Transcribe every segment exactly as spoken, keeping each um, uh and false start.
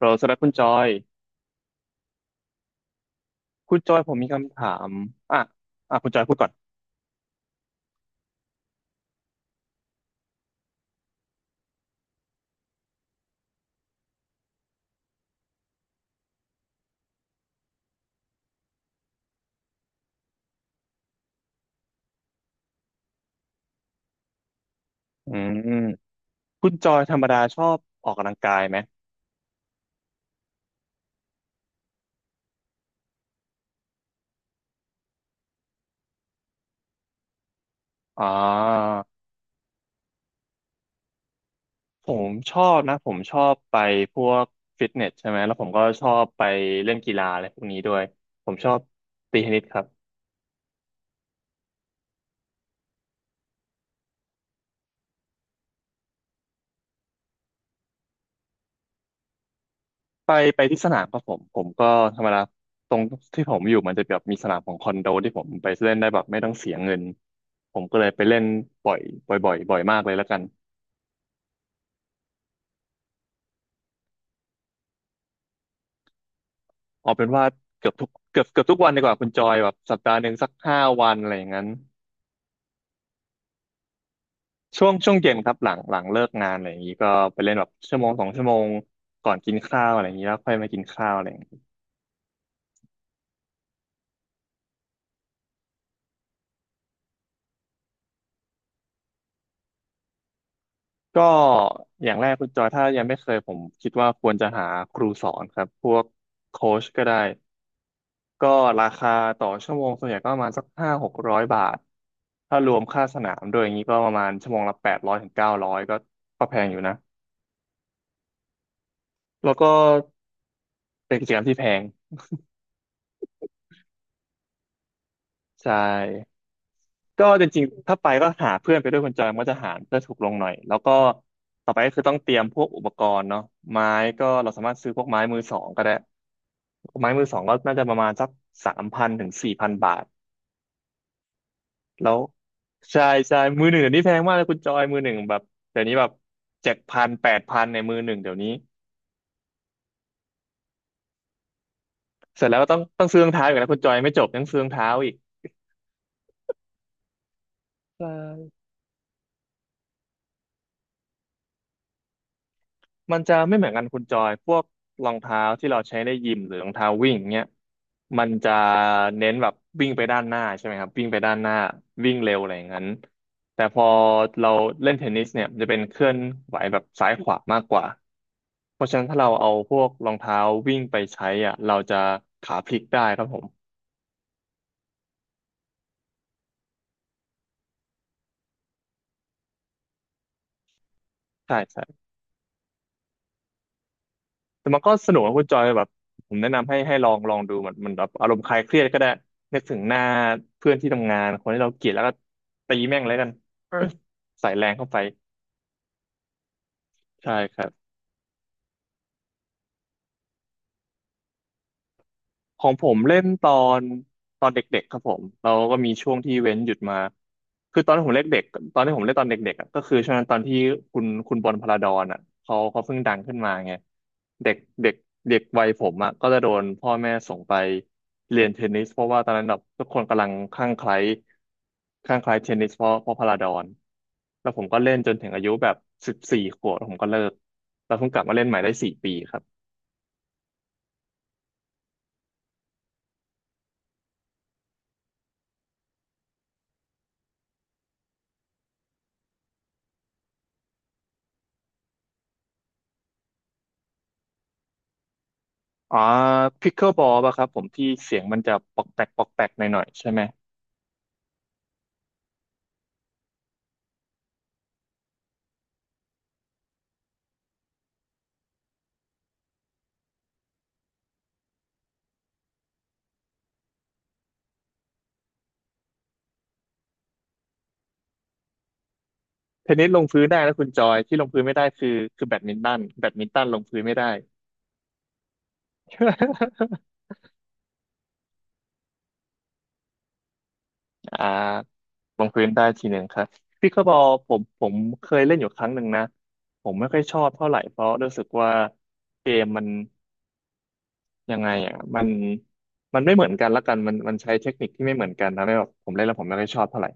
เราสำหรับคุณจอยคุณจอยผมมีคำถามอ่ะอ่ะคุณจอยพูดก่อนอืมคุณจอยธรรมดาชอบออกกำลังกายไหมอ่าผมชอบนะผมชอบไปพวกฟิตเนสใช่ไหมแล้วผมก็ชอบไปเล่นกีฬาอะไรพวกนี้ด้วยผมชอบตีเทนนิสครับไปไปที่สนามครับผมผมก็ธรรมดาตรงที่ผมอยู่มันจะแบบมีสนามของคอนโดที่ผมไปเล่นได้แบบไม่ต้องเสียเงินผมก็เลยไปเล่นบ่อยบ่อยบ่อยบ่อยมากเลยแล้วกัน เอาเป็นว่าเกือบทุกเกือบเกือบทุกวันดีกว่าคุณจอยแบบสัปดาห์หนึ่งสักห้าวันอะไรอย่างนั้นช่วงช่วงเย็นครับหลังหลังเลิกงานอะไรอย่างนี้ก็ไปเล่นแบบชั่วโมงสองชั่วโมงก่อนกินข้าวอะไรอย่างนี้แล้วค่อยมากินข้าวอะไรอย่างนี้ก็อย่างแรกคุณจอยถ้ายังไม่เคยผมคิดว่าควรจะหาครูสอนครับพวกโค้ชก็ได้ก็ราคาต่อชั่วโมงส่วนใหญ่ก็ประมาณสักห้าหกร้อยบาทถ้ารวมค่าสนามด้วยอย่างนี้ก็ประมาณชั่วโมงละแปดร้อยถึงเก้าร้อยก็ก็แพงอยู่นะแล้วก็เป็นกิจกรรมที่แพง ใช่ก็จริงๆถ้าไปก็หาเพื่อนไปด้วยคนจอยมันก็จะหารเพื่อถูกลงหน่อยแล้วก็ต่อไปก็คือต้องเตรียมพวกอุปกรณ์เนาะไม้ก็เราสามารถซื้อพวกไม้มือสองก็ได้ไม้มือสองก็น่าจะประมาณสักสามพันถึงสี่พันบาทแล้วใช่ใช่ มือหนึ่งเดี๋ยวนี้แพงมากเลยคุณจอยมือหนึ่งแบบเดี๋ยวนี้แบบเจ็ดพันแปดพันในมือหนึ่งเดี๋ยวนี้เสร็จแล้วก็ต้องต้องซื้อรองเท้าอีกนะคุณจอยไม่จบยังซื้อรองเท้าอีกใช่ มันจะไม่เหมือนกันคุณจอยพวกรองเท้าที่เราใช้ในยิมหรือรองเท้าวิ่งเนี้ยมันจะเน้นแบบวิ่งไปด้านหน้าใช่ไหมครับวิ่งไปด้านหน้าวิ่งเร็วอะไรอย่างนั้นแต่พอเราเล่นเทนนิสเนี่ยมันจะเป็นเคลื่อนไหวแบบซ้ายขวามากกว่าเพราะฉะนั้นถ้าเราเอาพวกรองเท้าวิ่งไปใช้อ่ะเราจะขาพลิกได้ครับผมใช่ แต่มันก็สนุกนะคุณจอยแบบผมแนะนำให้ให้ลองลองดูมันมันแบบอารมณ์คลายเครียดก็ได้นึกถึงหน้าเพื่อนที่ทำงานคนที่เราเกลียดแล้วก็ตีแม่งแล้วกัน ใส่แรงเข้าไปใช่ครับ ของผมเล่นตอนตอนเด็กๆครับผมเราก็มีช่วงที่เว้นหยุดมาคือตอนที่ผมเล่นเด็กตอนที่ผมเล่นตอนเด็กๆอะก็คือช่วงนั้นตอนที่คุณคุณบอลพลาดอนอ่ะเขาเขาเพิ่งดังขึ้นมาไงเด็กเด็กเด็กวัยผมอ่ะก็จะโดนพ่อแม่ส่งไปเรียนเทนนิสเพราะว่าตอนนั้นแบบทุกคนกำลังคลั่งไคล้คลั่งไคล้เทนนิสเพราะเพราะพลาดอนแล้วผมก็เล่นจนถึงอายุแบบสิบสี่ขวบแล้วผมก็เลิกแล้วผมกลับมาเล่นใหม่ได้สี่ปีครับ อ๋อพิกเกิลบอลป่ะครับผมที่เสียงมันจะปอกแปกปอกแปกหน่อยๆใช่ไหมเทนนิสลงพื้นได้แล้วคุณจอยที่ลงพื้นไม่ได้คือคือแบดมินตันแบดมินตันลงพื้นไม่ได้ อ่าลงพื้นได้ทีหนึ่งครับพิกเกิลบอลผมผมเคยเล่นอยู่ครั้งหนึ่งนะผมไม่ค่อยชอบเท่าไหร่เพราะรู้สึกว่าเกมมันยังไงอ่ะมันมันไม่เหมือนกันละกันมันมันใช้เทคนิคที่ไม่เหมือนกันนะไม่แบบผมเล่นแล้วผมไม่ค่อยชอบเท่าไหร่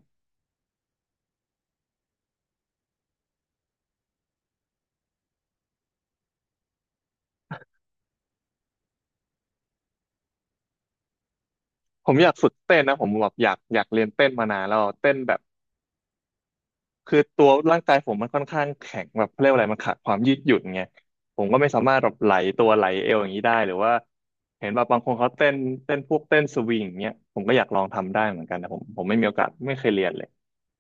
ผมอยากฝึกเต้นนะผมแบบอยากอยากเรียนเต้นมานานแล้วเต้นแบบ คือตัวร่างกายผมมันค่อนข้างแข็งแบบเขาเรียกว่าอะไรมันขาดความยืดหยุ่นไงผมก็ไม่สามารถแบบไหลตัวไหลเอวอย่างนี้ได้หรือว่าเห็นแบบบางคนเขาเต้นเต้นพวกเต้นสวิงอย่างเงี้ยผมก็อยากลองทำได้เหมือนกันแต่ผมผมไม่มีโอกาสไม่เคยเรียนเลย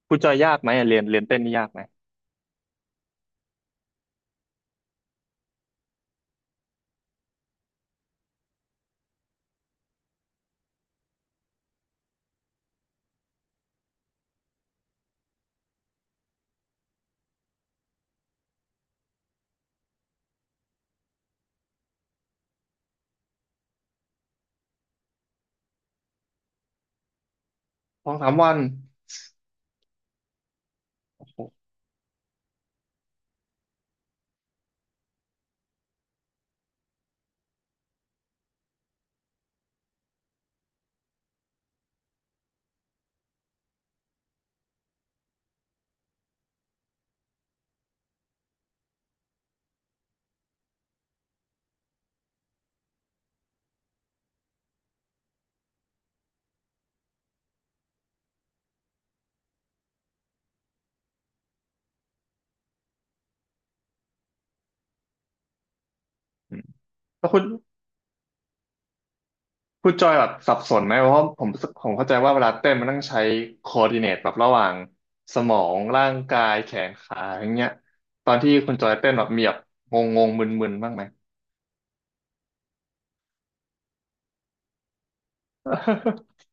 คุณจอยยากไหมอะเรียนเรียนเต้นนี่ยากไหมสองสามวันโอ้โหอืมแล้วคุณคุณจอยแบบสับสนไหมเพราะว่าผมผมเข้าใจว่าเวลาเต้นมันต้องใช้คอ r d i ิเนตแบบระหว่างสมองร่างกายแขนขาอย่างเงี้ยตอนที่คุณจอยเต้นแบบมีแบบงงงมึนมึนๆบ้างไหม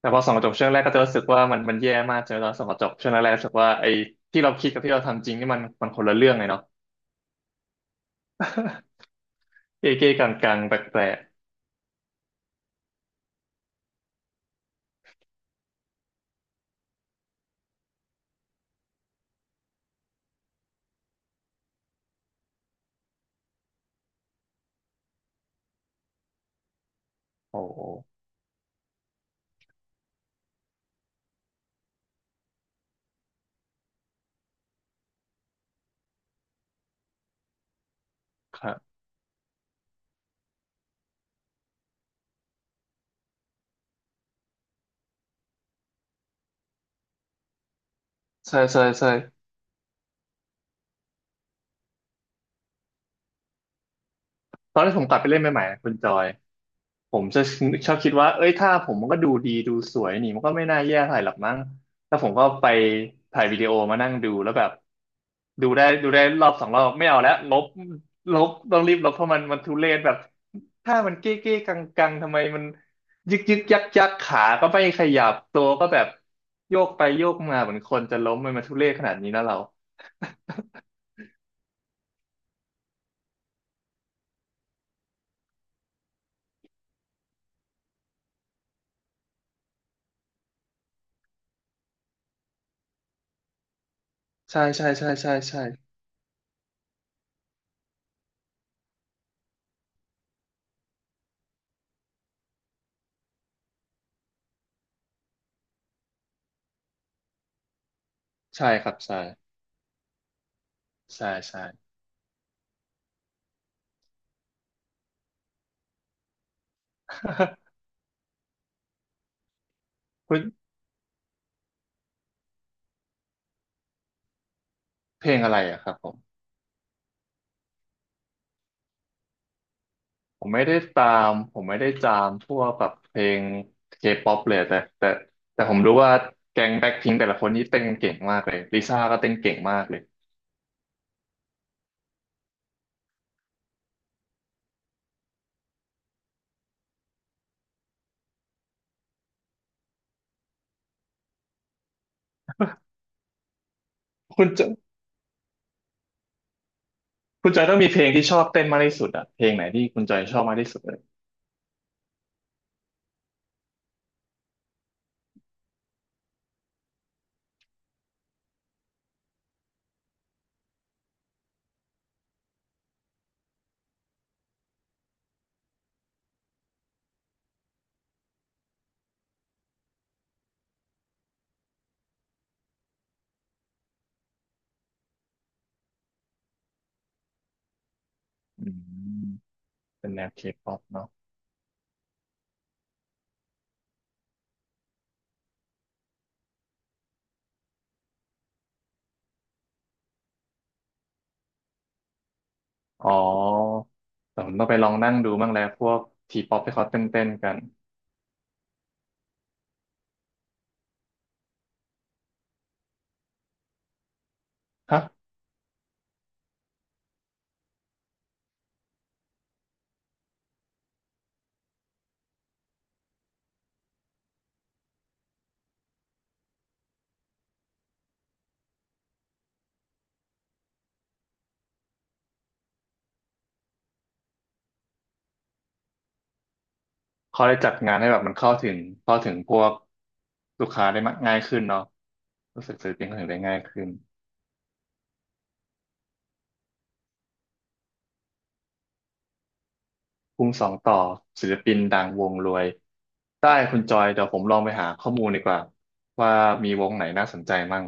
แต่พอส่องกระจกช่วงแรกก็จะรู้สึกว่ามันมันแย่มากจนตอนส่องกระจกช่วงแรกๆรู้สึกว่าไอ้ที่เราคิดกับที่เราทำจริงนี่มันมันคนละเรื่องเลยเนาะ เก้เก้กังกังแปลกๆโอ้โหครับใช่ใช่ใช่ ตอนที่ผมกลับไปเล่นใหม่ๆนะคุณจอยผมจะชอบคิดว่าเอ้ยถ้าผมมันก็ดูดีดูสวยนี่มันก็ไม่น่าแย่เท่าไหร่หรอกมั้งแล้วผมก็ไปถ่ายวิดีโอมานั่งดูแล้วแบบดูได้ดูได้รอบสองรอบไม่เอาแล้วลบลบต้องรีบลบเพราะมันมันทุเรศแบบถ้ามันเก้เก้กังกังทำไมมันยึกยึกยักยักขาก็ไม่ขยับตัวก็แบบโยกไปโยกมาเหมือนคนจะล้มมันมาทุเรศขนาดนี้นะเราใช่ใช่ใช่ใช่ใช่ใช่ครับใช่ใช่ใช่ เฮ้ยเพลงอะไรอะครับผมผมไม่ได้ตามผมไม่ได้จามพวกแบบเพลงเคป๊อปเลยแต่แต่แต่ผมรู้ว่าแก๊งแบ็คพิงแต่ละคนนี้เต้นเก่งมากเลยลิซ่าก็เต้นเก่งมากเลยคุณจอยคุณจอยต้องมีเพลงที่ชอบเต้นมากที่สุดอะเพลงไหนที่คุณจอยชอบมากที่สุดเลยอืมเป็นแนวเคป๊อปเนาะอ๋อแต่ผมต้องไปลองนั่งดูบ้างแล้วพวกทีป๊อปที่เขาเต้นเต้นกันฮะเขาได้จัดงานให้แบบมันเข้าถึงเข้าถึงพวกลูกค้าได้มากง่ายขึ้นเนาะ รู้สึกศิลปินเขนอื่นได้ง่ายขึ้นภูมิสองต่อศิลปินดังวงรวยได้คุณจอยเดี๋ยวผมลองไปหาข้อมูลดีกว่าว่ามีวงไหนน่าสนใจมั่ง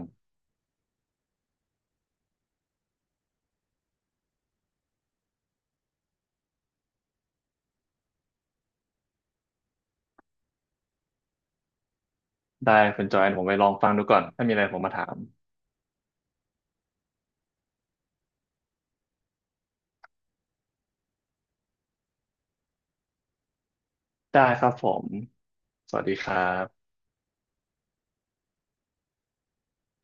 ได้คุณจอยเดี๋ยวผมไปลองฟังดูก่อนถ้ามีอะไรผมมาถามได้ครับผมสวัสดีครับ